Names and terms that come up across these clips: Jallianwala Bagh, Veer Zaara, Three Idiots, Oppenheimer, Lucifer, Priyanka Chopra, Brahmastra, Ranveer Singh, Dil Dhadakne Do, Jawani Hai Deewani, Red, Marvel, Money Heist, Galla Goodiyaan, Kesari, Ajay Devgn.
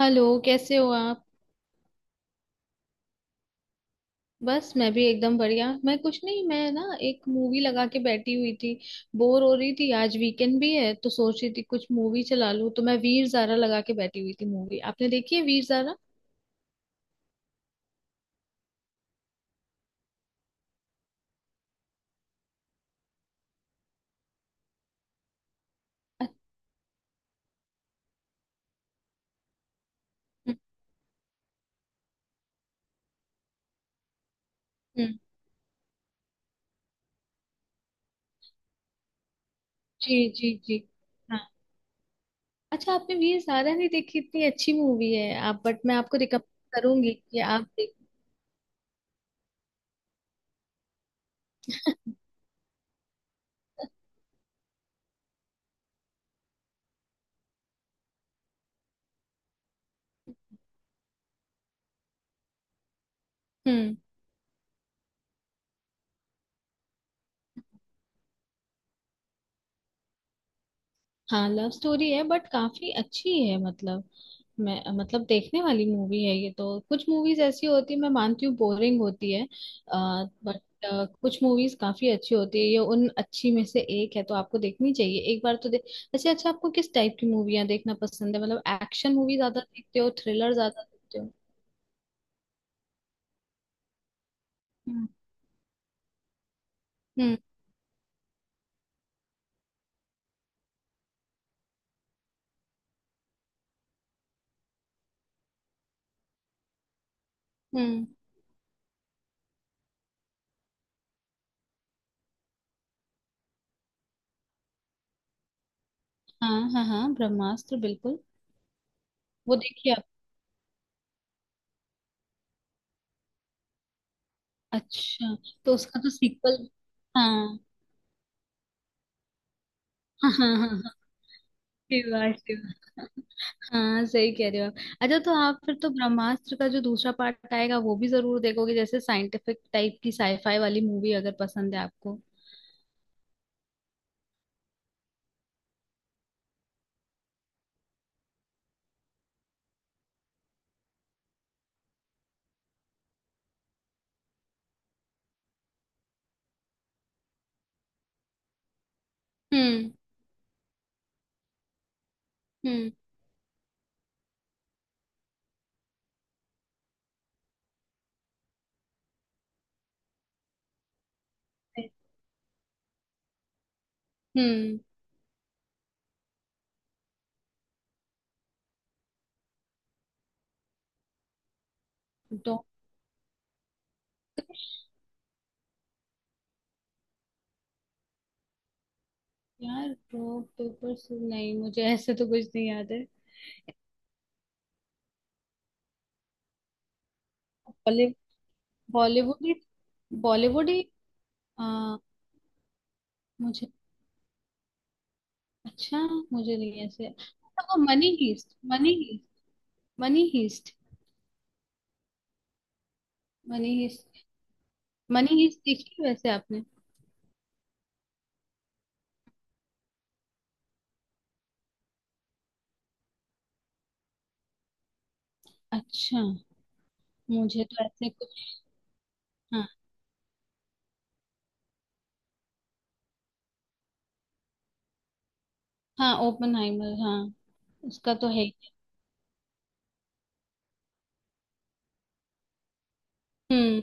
Hello, कैसे हो आप। बस मैं भी एकदम बढ़िया। मैं कुछ नहीं, मैं ना एक मूवी लगा के बैठी हुई थी। बोर हो रही थी, आज वीकेंड भी है तो सोच रही थी कुछ मूवी चला लूं। तो मैं वीर ज़ारा लगा के बैठी हुई थी। मूवी आपने देखी है वीर ज़ारा? अच्छा। हम्म। जी जी जी। हाँ। अच्छा, आपने वीर ज़ारा नहीं देखी? इतनी अच्छी मूवी है। आप बट मैं आपको रिकमेंड करूंगी कि आप देखें। हम्म। हाँ, लव स्टोरी है बट काफी अच्छी है मतलब, मैं मतलब देखने वाली मूवी है ये। तो कुछ मूवीज ऐसी होती है मैं मानती हूँ, बोरिंग होती है, बट कुछ मूवीज काफी अच्छी होती है। ये उन अच्छी में से एक है, तो आपको देखनी चाहिए एक बार तो देख। अच्छा, अच्छा, आपको किस टाइप की मूवियाँ देखना पसंद है? मतलब एक्शन मूवी ज्यादा देखते हो, थ्रिलर ज्यादा देखते हो? हम्म। हम्म। हम्म। हाँ हाँ हाँ, ब्रह्मास्त्र बिल्कुल। वो देखिए आप। अच्छा, तो उसका तो सीक्वल। हाँ हाँ हाँ हाँ हाँ, शिवा शिवा, हाँ सही कह रहे हो आप। अच्छा तो आप फिर तो ब्रह्मास्त्र का जो दूसरा पार्ट आएगा वो भी जरूर देखोगे। जैसे साइंटिफिक टाइप की साईफाई वाली मूवी अगर पसंद है आपको। हम्म। हम्म। हम्म। डॉ यार, डॉ पेपर्स नहीं, मुझे ऐसे तो कुछ नहीं याद है। बॉली बॉलीवुड ही, बॉलीवुड ही। आ, मुझे अच्छा, मुझे नहीं ऐसे। अच्छा, वो money heist, money heist, money heist, money heist, money heist देखी है वैसे आपने? अच्छा, मुझे तो ऐसे कुछ। हाँ हाँ, ओपनहाइमर हाँ, उसका तो है ही। हम्म।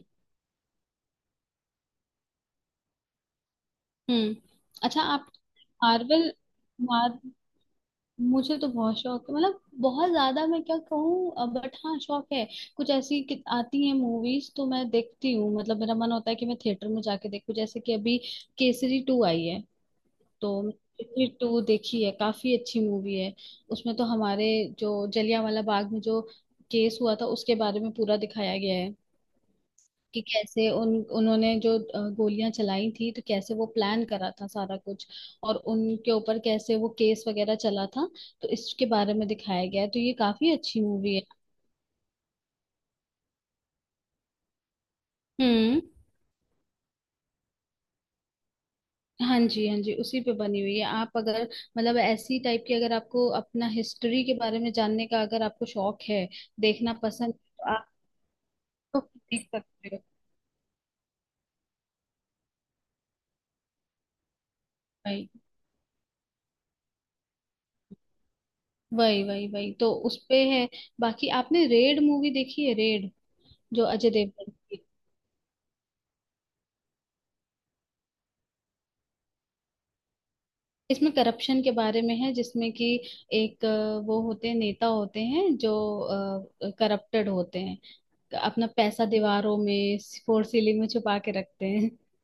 हम्म। अच्छा, आप मार्वल। मार मुझे तो बहुत शौक है, मतलब बहुत ज्यादा मैं क्या कहूँ बट हाँ शौक है। कुछ ऐसी आती हैं मूवीज तो मैं देखती हूँ, मतलब मेरा मन होता है कि मैं थिएटर में जाके देखूँ। जैसे कि अभी केसरी टू आई है, तो मैंने केसरी टू देखी है, काफी अच्छी मूवी है। उसमें तो हमारे जो जलियांवाला बाग में जो केस हुआ था उसके बारे में पूरा दिखाया गया है, कि कैसे उन उन्होंने जो गोलियां चलाई थी, तो कैसे वो प्लान करा था सारा कुछ, और उनके ऊपर कैसे वो केस वगैरह चला था, तो इसके बारे में दिखाया गया है, तो ये काफी अच्छी मूवी है। हम्म। हाँ जी, हाँ जी, उसी पे बनी हुई है। आप अगर, मतलब ऐसी टाइप की, अगर आपको अपना हिस्ट्री के बारे में जानने का अगर आपको शौक है, देखना पसंद है, तो आप तो देख सकते हो। भाई, वही वही वही वही, तो उस पे है। बाकी आपने रेड मूवी देखी है, रेड? जो अजय देवगन की, इसमें करप्शन के बारे में है, जिसमें कि एक वो होते हैं, नेता होते हैं जो करप्टेड होते हैं, अपना पैसा दीवारों में फोर सीलिंग में छुपा के रखते हैं।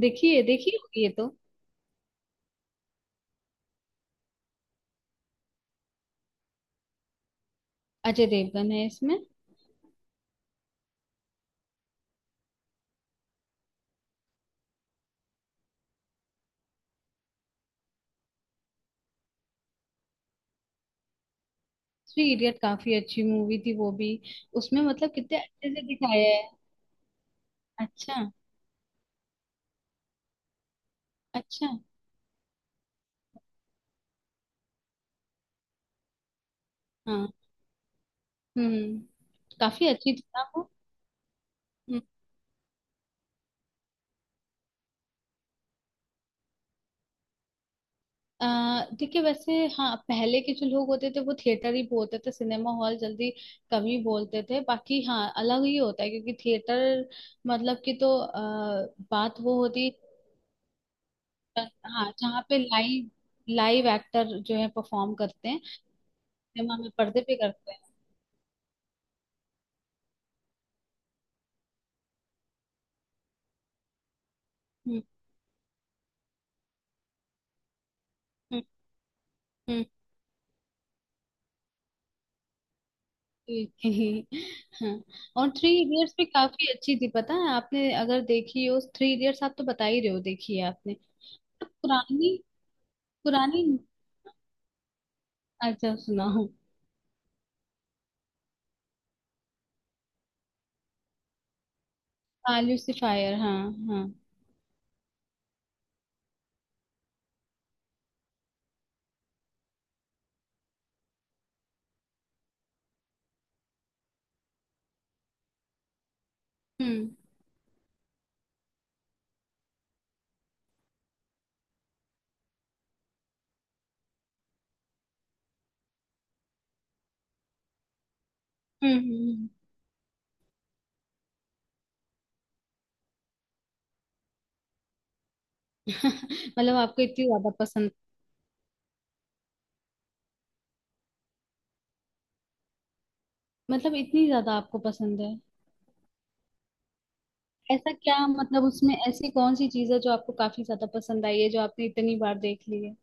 देखिए, देखिए, होगी ये तो। अजय देवगन है इसमें। थ्री इडियट काफी अच्छी मूवी थी वो भी। उसमें मतलब कितने अच्छे से दिखाया है। अच्छा। अच्छा। हाँ। हम्म। काफी अच्छी थी ना वो। अ, देखिए वैसे हाँ, पहले के जो लोग होते थे वो थिएटर ही बोलते थे, सिनेमा हॉल जल्दी कम ही बोलते थे, बाकी हाँ अलग ही होता है क्योंकि थिएटर मतलब कि, तो बात वो होती अ, हाँ जहाँ पे लाइव लाइव एक्टर जो है परफॉर्म करते हैं, सिनेमा में पर्दे पे करते हैं। हम्म। हम्म। हम्म, जी, हाँ। और थ्री इडियट्स भी काफी अच्छी थी, पता है। आपने अगर देखी हो थ्री इडियट्स, आप तो बता ही रहे हो देखी है आपने। तो पुरानी, पुरानी, अच्छा सुनाओ। हाँ लूसीफायर, हाँ। हाँ। हम्म। हम्म। हम्म। मतलब आपको इतनी ज्यादा पसंद मतलब इतनी ज्यादा आपको पसंद है? ऐसा क्या, मतलब उसमें ऐसी कौन सी चीज है जो आपको काफी ज्यादा पसंद आई है, जो आपने इतनी बार देख ली है?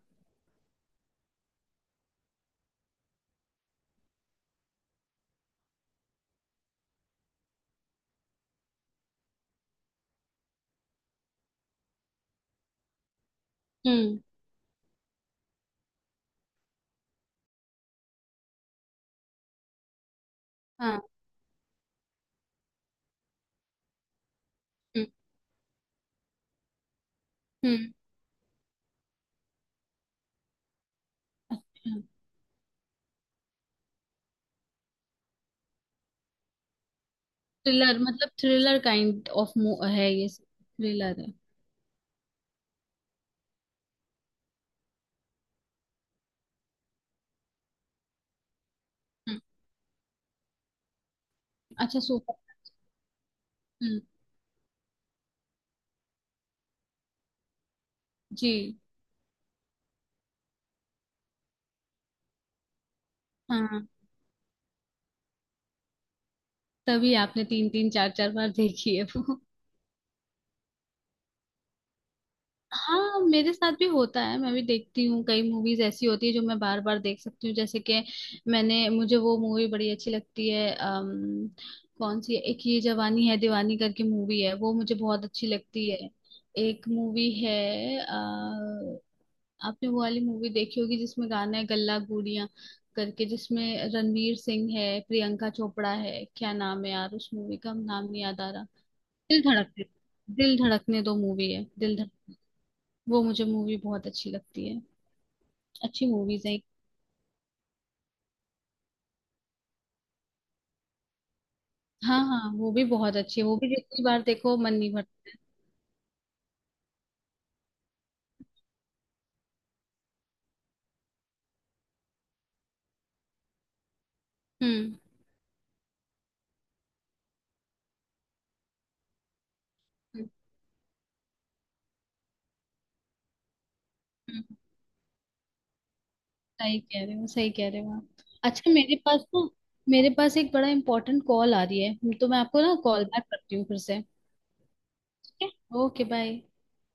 हम्म। हाँ। हम्म। हम्म। अच्छा, थ्रिलर मतलब थ्रिलर काइंड ऑफ है ये, थ्रिलर है। हम्म। अच्छा। सुपर हम्म। जी। हाँ, तभी आपने तीन तीन चार चार बार देखी है वो। हाँ, मेरे साथ भी होता है, मैं भी देखती हूँ। कई मूवीज ऐसी होती है जो मैं बार बार देख सकती हूँ। जैसे कि मैंने मुझे वो मूवी बड़ी अच्छी लगती है, कौन सी है? एक ये जवानी है दीवानी करके मूवी है, वो मुझे बहुत अच्छी लगती है। एक मूवी है आपने वो वाली मूवी देखी होगी जिसमें गाना है गल्ला गूंडियां करके, जिसमें रणवीर सिंह है, प्रियंका चोपड़ा है, क्या नाम है यार उस मूवी का, नाम नहीं याद आ रहा। दिल धड़कने दिल धड़कने दो मूवी है। दिल वो मुझे मूवी बहुत अच्छी लगती है, अच्छी मूवीज है। हाँ हाँ, वो भी बहुत अच्छी है, वो भी जितनी बार देखो मन नहीं भरता। हम्म। हम्म, हम्म, सही कह रहे हो, सही कह रहे हो आप। अच्छा, मेरे पास एक बड़ा इंपॉर्टेंट कॉल आ रही है, तो मैं आपको ना कॉल बैक करती हूँ फिर से। ठीक है, ओके, बाय।